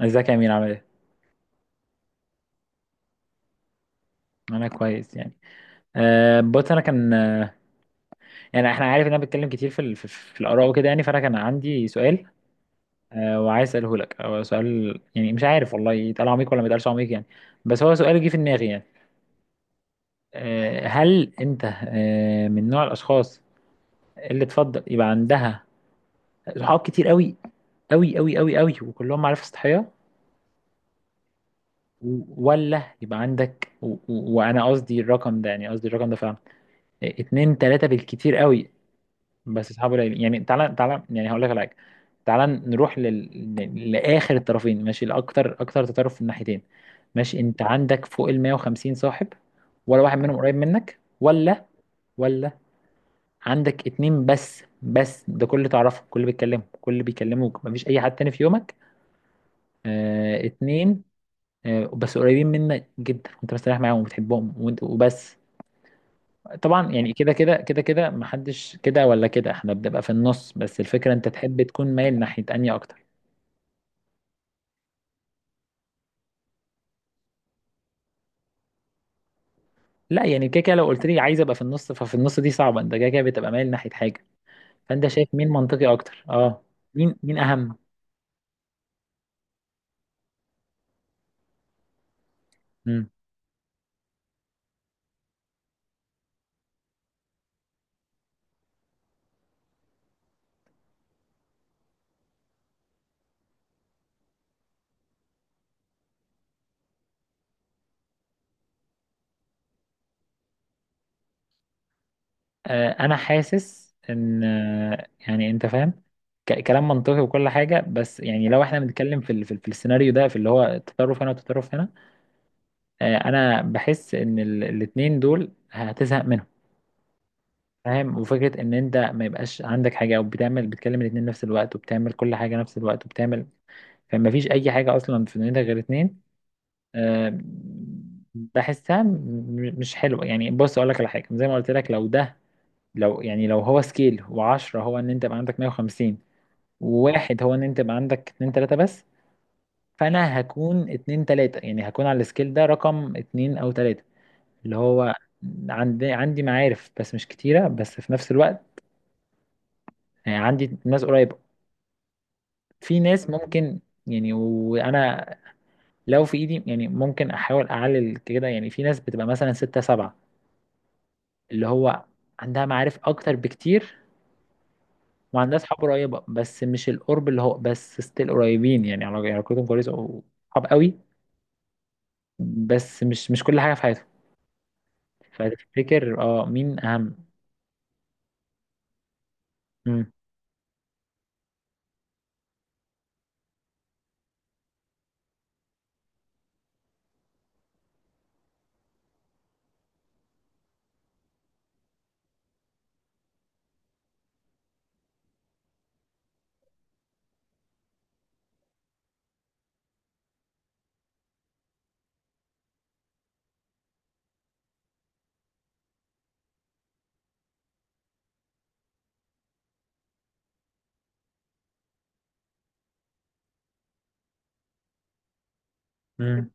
ازيك يا امين عامل ايه؟ انا كويس يعني. بص انا كان يعني احنا عارف ان انا بتكلم كتير في الاراء وكده يعني، فانا كان عندي سؤال. وعايز اساله لك، او سؤال يعني مش عارف والله يتقال عميق ولا ما يتقالش عميق يعني، بس هو سؤال جه في دماغي يعني. هل انت من نوع الاشخاص اللي تفضل يبقى عندها صحاب كتير قوي قوي قوي قوي قوي وكلهم معارف سطحيه، ولا يبقى عندك وانا قصدي الرقم ده، يعني قصدي الرقم ده فعلا اتنين تلاتة بالكتير قوي، بس اصحابه قليلين. يعني تعالى تعالى، يعني هقول لك على حاجه، تعالى نروح لاخر الطرفين، ماشي، لاكتر اكتر تطرف في الناحيتين. ماشي، انت عندك فوق ال 150 صاحب، ولا واحد منهم قريب منك، ولا ولا عندك اتنين بس؟ بس ده كل اللي تعرفه، كل اللي بيتكلموا، كل اللي بيكلموك، مفيش اي حد تاني في يومك. آه اتنين، آه، بس قريبين منك جدا وانت مستريح معاهم وبتحبهم وانت وبس. طبعا يعني كده كده كده كده، محدش كده ولا كده، احنا بنبقى في النص، بس الفكرة انت تحب تكون مايل ناحية انهي اكتر؟ لا يعني كده كده، لو قلت لي عايز ابقى في النص، ففي النص دي صعبة، انت كده كده بتبقى مايل ناحية حاجة. فانت شايف مين منطقي اكتر؟ اه، مين مين اهم؟ مم. آه انا حاسس ان يعني انت فاهم، كلام منطقي وكل حاجة، بس يعني لو احنا بنتكلم في السيناريو ده، في اللي هو التطرف هنا والتطرف هنا، انا بحس ان الاتنين دول هتزهق منهم. فاهم، وفكرة ان انت ما يبقاش عندك حاجة، او بتعمل بتكلم الاتنين نفس الوقت وبتعمل كل حاجة نفس الوقت وبتعمل، فما فيش اي حاجة اصلا في دنيتك غير اتنين، آه، بحسها مش حلوة. يعني بص اقول لك على حاجة، زي ما قلت لك، لو ده، لو يعني لو هو سكيل، وعشرة هو ان انت يبقى عندك 150، وواحد هو ان انت يبقى عندك اتنين تلاتة بس، فانا هكون اتنين تلاتة، يعني هكون على السكيل ده رقم اتنين او تلاتة، اللي هو عندي عندي معارف بس مش كتيرة، بس في نفس الوقت يعني عندي ناس قريبة، في ناس ممكن يعني، وانا لو في ايدي يعني ممكن احاول اعلل كده، يعني في ناس بتبقى مثلا ستة سبعة، اللي هو عندها معارف اكتر بكتير وعندها اصحاب قريبة، بس مش القرب اللي هو، بس ستيل قريبين، يعني علاقتهم كويسة وصحاب قوي، بس مش مش كل حاجة في حياتهم. فتفتكر اه مين اهم؟ مم. مم.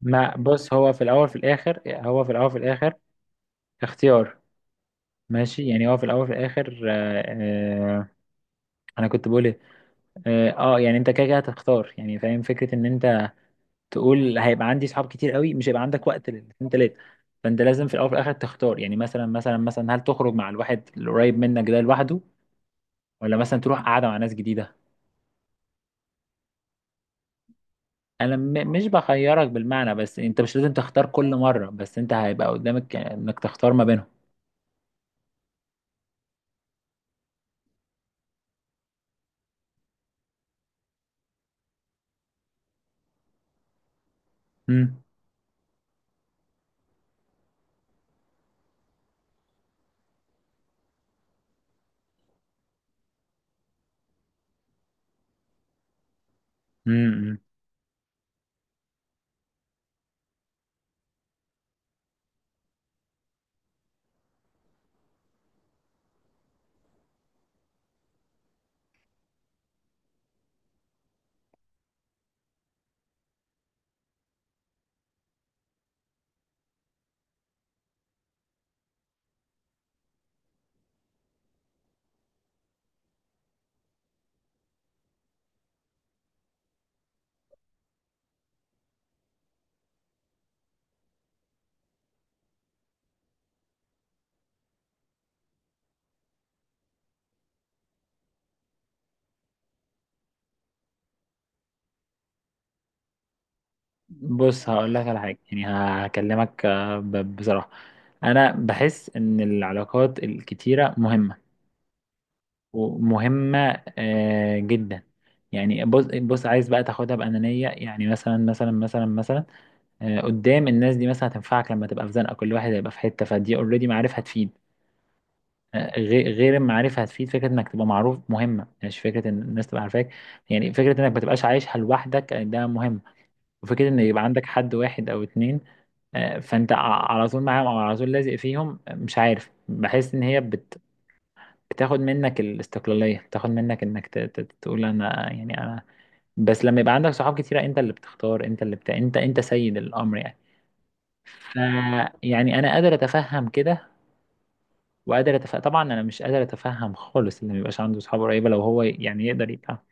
ما بص، هو في الاول في الاخر، هو في الاول في الاخر اختيار. ماشي، يعني هو في الاول في الاخر آه. آه، انا كنت بقول، اه يعني انت كده كده هتختار، يعني فاهم فكره ان انت تقول هيبقى عندي صحاب كتير قوي، مش هيبقى عندك وقت للاتنين تلاته، فانت لازم في الاول وفي الاخر تختار. يعني مثلا مثلا مثلا، هل تخرج مع الواحد القريب منك ده لوحده، ولا مثلا تروح قاعده مع ناس جديده؟ انا مش بخيرك بالمعنى، بس انت مش لازم تختار كل مره، بس انت هيبقى قدامك انك تختار ما بينهم. امم. امم. بص هقول لك على حاجه، يعني هكلمك بصراحه، انا بحس ان العلاقات الكتيره مهمه ومهمة جدا. يعني بص بص، عايز بقى تاخدها بأنانية، يعني مثلا مثلا مثلا مثلا، قدام الناس دي مثلا هتنفعك لما تبقى في زنقة، كل واحد هيبقى في حتة، فدي اوريدي معرفة هتفيد غير غير المعرفة هتفيد. فكرة انك تبقى معروف مهمة، مش فكرة ان الناس تبقى عارفاك، يعني فكرة انك ما تبقاش عايشها لوحدك، ده مهم. وفكرة ان يبقى عندك حد واحد او اتنين، فانت على طول معاهم، او على طول لازق فيهم، مش عارف، بحس ان هي بت، بتاخد منك الاستقلالية، بتاخد منك انك تقول انا، يعني انا، بس لما يبقى عندك صحاب كتيرة، انت اللي بتختار، انت اللي انت انت سيد الامر يعني. ف، يعني انا قادر اتفهم كده، وقادر اتفهم طبعا. انا مش قادر اتفهم خالص اللي ما يبقاش عنده صحاب قريبة، لو هو يعني يقدر يبقى،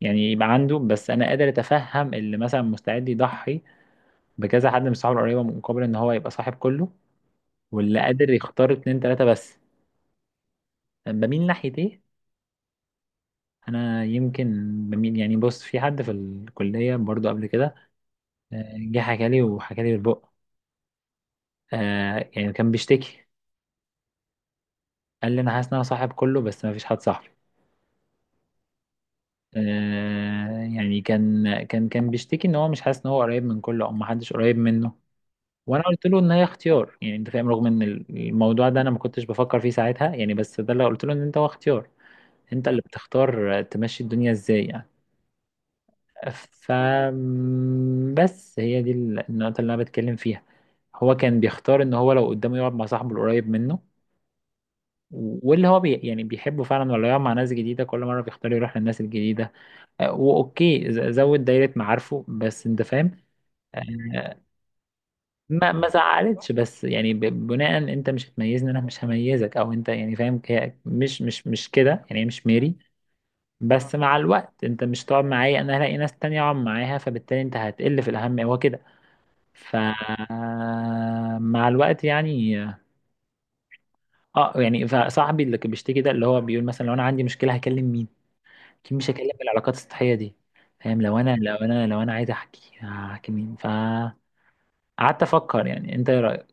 يعني يبقى عنده، بس انا قادر اتفهم اللي مثلا مستعد يضحي بكذا حد من صحابه القريبة مقابل ان هو يبقى صاحب كله، واللي قادر يختار اتنين تلاتة بس بميل ناحية ايه. انا يمكن بميل، يعني بص، في حد في الكليه برضو قبل كده جه حكى لي وحكى لي بالبق، يعني كان بيشتكي، قال لي انا حاسس ان انا صاحب كله بس ما فيش حد صاحبي. آه، يعني كان بيشتكي ان هو مش حاسس ان هو قريب من كله، او ما حدش قريب منه. وانا قلت له ان هي اختيار، يعني انت فاهم، رغم ان الموضوع ده انا ما كنتش بفكر فيه ساعتها يعني، بس ده اللي قلت له، ان انت هو اختيار، انت اللي بتختار تمشي الدنيا ازاي. ف، بس هي دي النقطة اللي أنا بتكلم فيها. هو كان بيختار إن هو لو قدامه يقعد مع صاحبه القريب منه واللي هو يعني بيحبه فعلا، ولا يقعد مع ناس جديدة، كل مرة بيختار يروح للناس الجديدة، وأوكي زود دايرة معارفه، بس أنت فاهم. آه، ما زعلتش، بس يعني بناء، أنت مش هتميزني أنا مش هميزك، أو أنت، يعني فاهم، هي مش كده، يعني هي مش ميري، بس مع الوقت أنت مش تقعد معايا، أنا هلاقي ناس تانية أقعد معاها، فبالتالي أنت هتقل في الأهمية، هو كده. فمع الوقت يعني، اه، يعني فصاحبي اللي كان بيشتكي ده اللي هو بيقول مثلا، لو انا عندي مشكله هكلم مين؟ اكيد مش هكلم العلاقات السطحيه دي، فاهم، لو انا عايز احكي هحكي مين؟ فقعدت افكر. يعني انت ايه رايك؟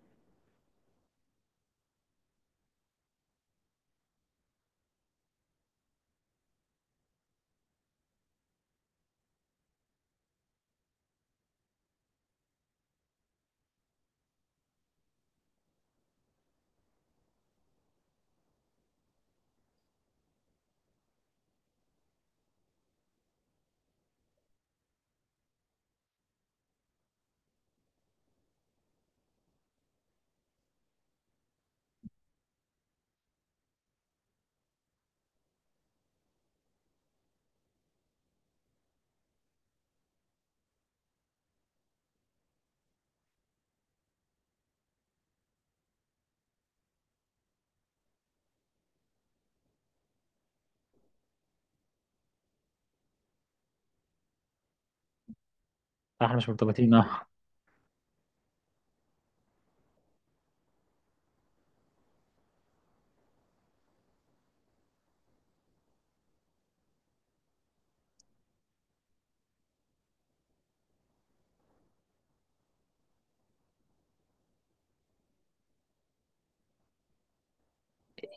احنا مش مرتبطين، اه.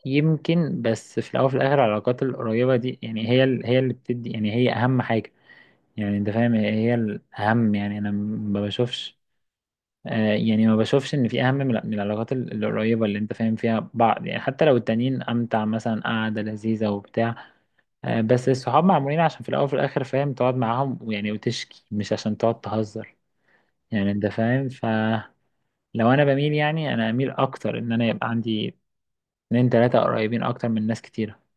يمكن، بس في الاول وفي الاخر العلاقات القريبه دي، يعني هي هي اللي بتدي، يعني هي اهم حاجه، يعني انت فاهم هي هي الاهم. يعني انا ما بشوفش، يعني ما بشوفش ان في اهم من من العلاقات القريبه اللي انت فاهم فيها بعض، يعني حتى لو التانيين امتع، مثلا قعده لذيذه وبتاع، بس الصحاب معمولين عشان في الاول وفي الاخر، فاهم، تقعد معاهم ويعني وتشكي، مش عشان تقعد تهزر، يعني انت فاهم. فلو، انا بميل، يعني انا اميل اكتر ان انا يبقى عندي اتنين تلاته قريبين اكتر من ناس كتيره.